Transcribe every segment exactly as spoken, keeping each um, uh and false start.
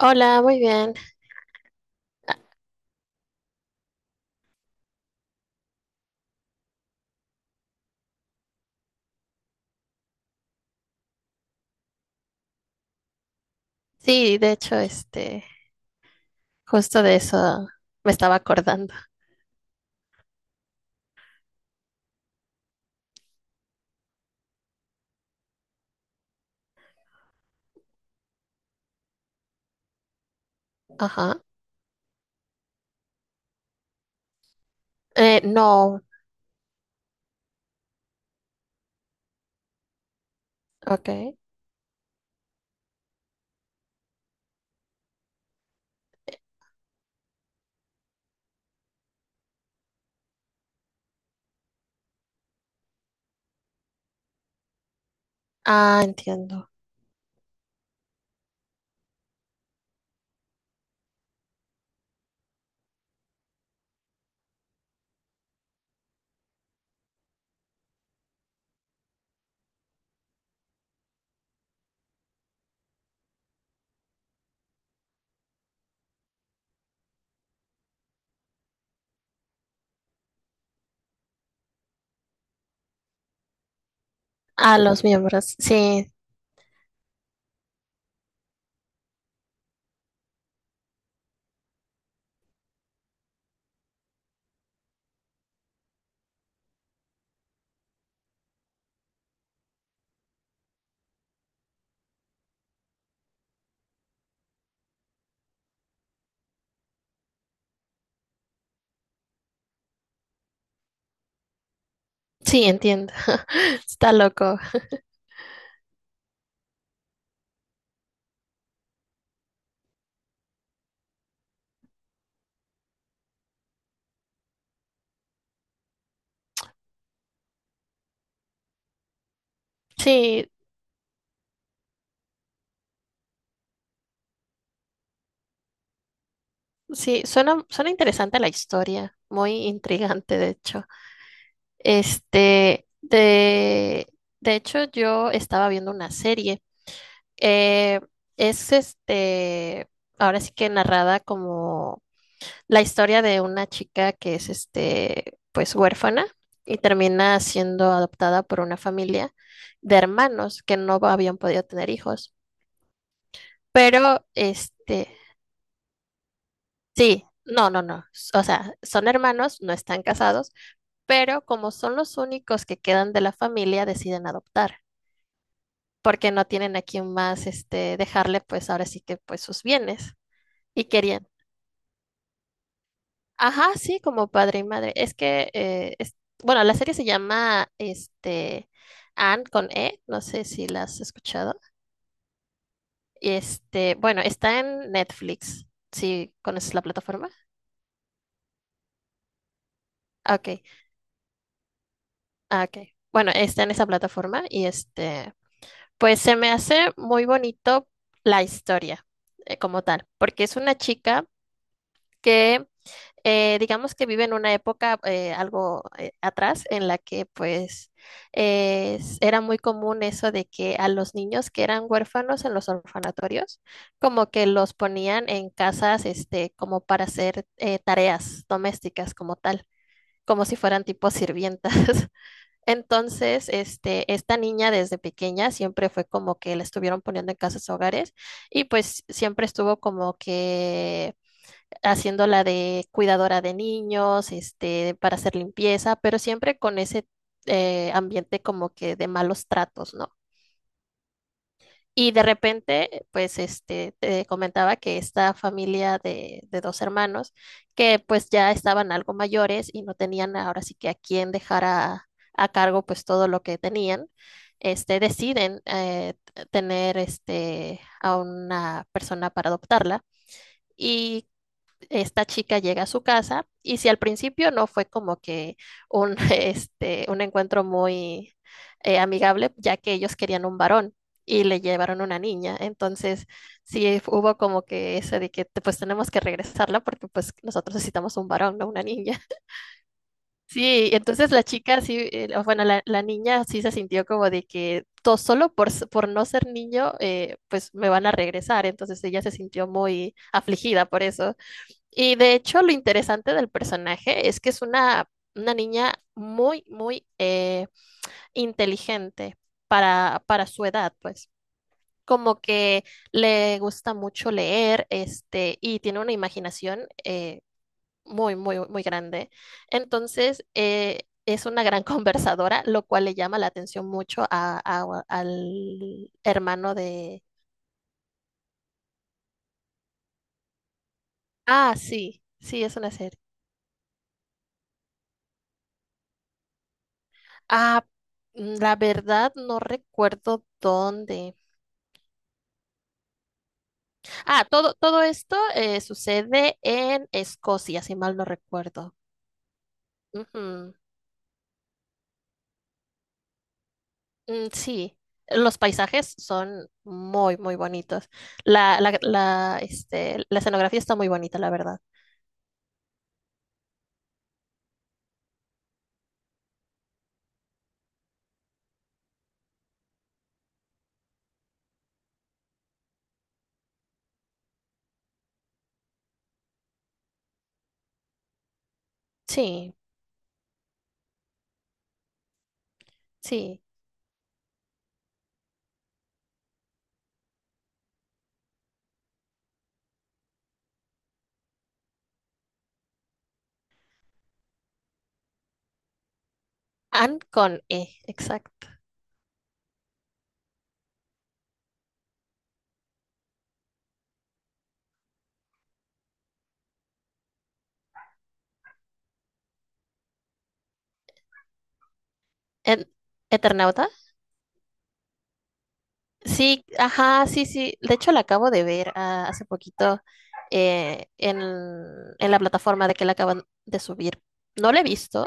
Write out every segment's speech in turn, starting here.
Hola, muy bien. Sí, de hecho, este, justo de eso me estaba acordando. Ajá. Eh, no, ok. Ah, entiendo. Ah, los miembros. Sí, sí, entiendo. Está loco. Sí, sí, suena, suena interesante la historia, muy intrigante, de hecho. Este, de, de hecho, yo estaba viendo una serie. Eh, es este, ahora sí que narrada como la historia de una chica que es este, pues huérfana y termina siendo adoptada por una familia de hermanos que no habían podido tener hijos. Pero este, sí, no, no, no. O sea, son hermanos, no están casados, pero como son los únicos que quedan de la familia, deciden adoptar, porque no tienen a quien más este dejarle, pues ahora sí que pues sus bienes. Y querían, ajá, sí, como padre y madre. Es que, eh, es- bueno, la serie se llama, este, Anne con E, no sé si la has escuchado. Y Este, bueno, está en Netflix. ¿Sí conoces la plataforma? Ah, ok, ah, ok. Bueno, está en esa plataforma y este, pues se me hace muy bonito la historia eh, como tal, porque es una chica que eh, digamos que vive en una época eh, algo eh, atrás en la que pues eh, s- era muy común eso de que a los niños que eran huérfanos en los orfanatorios, como que los ponían en casas este, como para hacer eh, tareas domésticas como tal, como si fueran tipo sirvientas. Entonces, este, esta niña desde pequeña siempre fue como que la estuvieron poniendo en casas hogares y pues siempre estuvo como que haciéndola de cuidadora de niños, este, para hacer limpieza, pero siempre con ese eh, ambiente como que de malos tratos, ¿no? Y de repente, pues, este, te comentaba que esta familia de, de dos hermanos, que pues ya estaban algo mayores y no tenían ahora sí que a quién dejar a, a cargo pues todo lo que tenían, este, deciden eh, t- tener este, a una persona para adoptarla. Y esta chica llega a su casa y si al principio no fue como que un, este, un encuentro muy eh, amigable, ya que ellos querían un varón y le llevaron una niña. Entonces, sí hubo como que eso de que te- pues tenemos que regresarla porque pues nosotros necesitamos un varón, no una niña. Sí, entonces la chica sí, eh, o bueno, la, la niña sí se sintió como de que todo solo por, s- por no ser niño, eh, pues me van a regresar. Entonces ella se sintió muy afligida por eso. Y de hecho, lo interesante del personaje es que es una, una niña muy, muy eh, inteligente para, para su edad, pues. Como que le gusta mucho leer, este, y tiene una imaginación eh, muy, muy, muy grande. Entonces, eh, es una gran conversadora, lo cual le llama la atención mucho a, a- al hermano de... Ah, sí, sí, es una serie. Ah, mm, la verdad no recuerdo dónde. Ah, todo, todo esto eh, sucede en Escocia, si mal no recuerdo. Ujú. Mm, sí, los paisajes son muy, muy bonitos. La, la, la, este, la escenografía está muy bonita, la verdad. Sí, sí. Anne con E, exacto. En, ¿Eternauta? Sí, ajá, sí, sí. De hecho, la acabo de ver ah, hace poquito eh, en, en la plataforma de que la acaban de subir. No la he visto.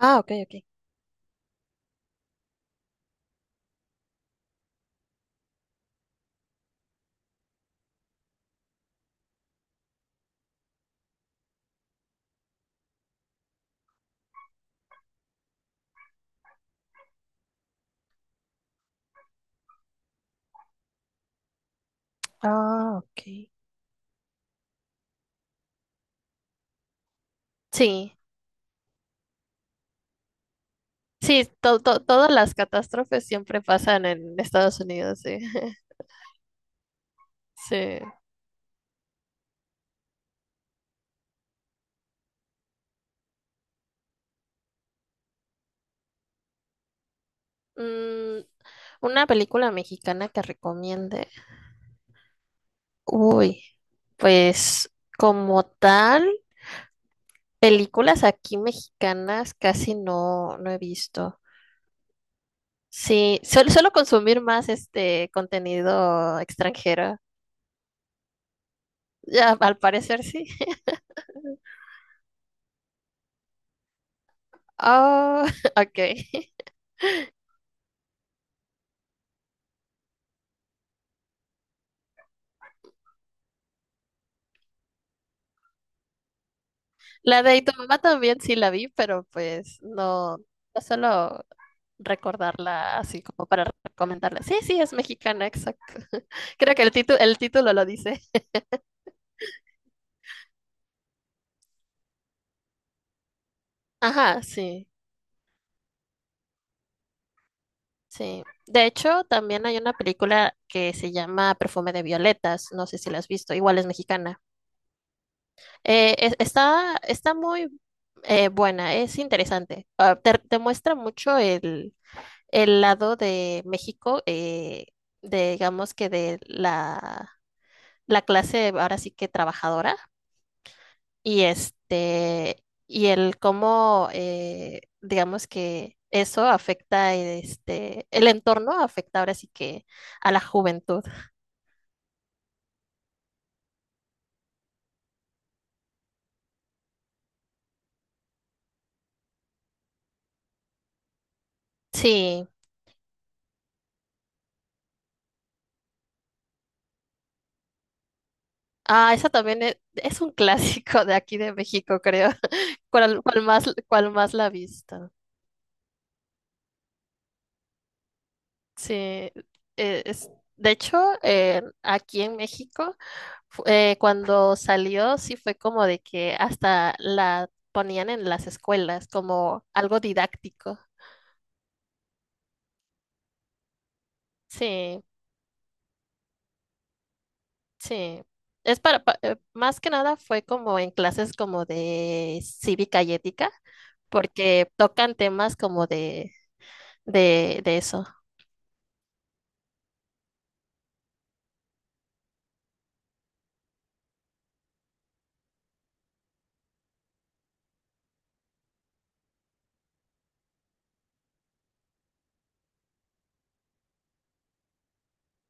Ah, ok, ok. Ah, ok. Sí, sí, to- to- todas las catástrofes siempre pasan en Estados Unidos, sí. Sí. Mm, una película mexicana que recomiende. Uy, pues como tal, películas aquí mexicanas casi no, no he visto. Sí, suelo, suelo consumir más este contenido extranjero. Ya, al parecer sí. Oh, ok. La de tu mamá también sí la vi, pero pues no, no suelo recordarla así como para recomendarla. Sí, sí, es mexicana, exacto. Creo que el título, el título lo dice. Ajá, sí, sí. De hecho, también hay una película que se llama Perfume de Violetas. No sé si la has visto, igual es mexicana. Eh, es- está, está muy eh, buena, es interesante. Ah, te, te muestra mucho el, el lado de México, eh, de, digamos que de la, la clase ahora sí que trabajadora, y este, y el cómo, eh, digamos que eso afecta este, el entorno afecta ahora sí que a la juventud. Sí. Ah, esa también es, es un clásico de aquí de México, creo. ¿Cuál, cuál más, Cuál más la vista? Sí, eh, es, de hecho, eh, aquí en México, fu- eh, cuando salió, sí fue como de que hasta la ponían en las escuelas como algo didáctico. Sí, sí. Es para, pa- eh, más que nada fue como en clases como de cívica y ética, porque tocan temas como de, de, de eso.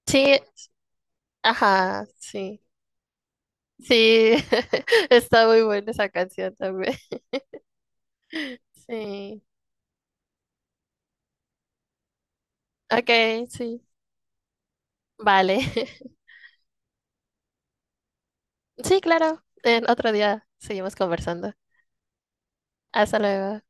Sí, ajá, sí. Sí, está muy buena esa canción también. Sí, ok, sí, vale. Sí, claro, en otro día seguimos conversando. Hasta luego.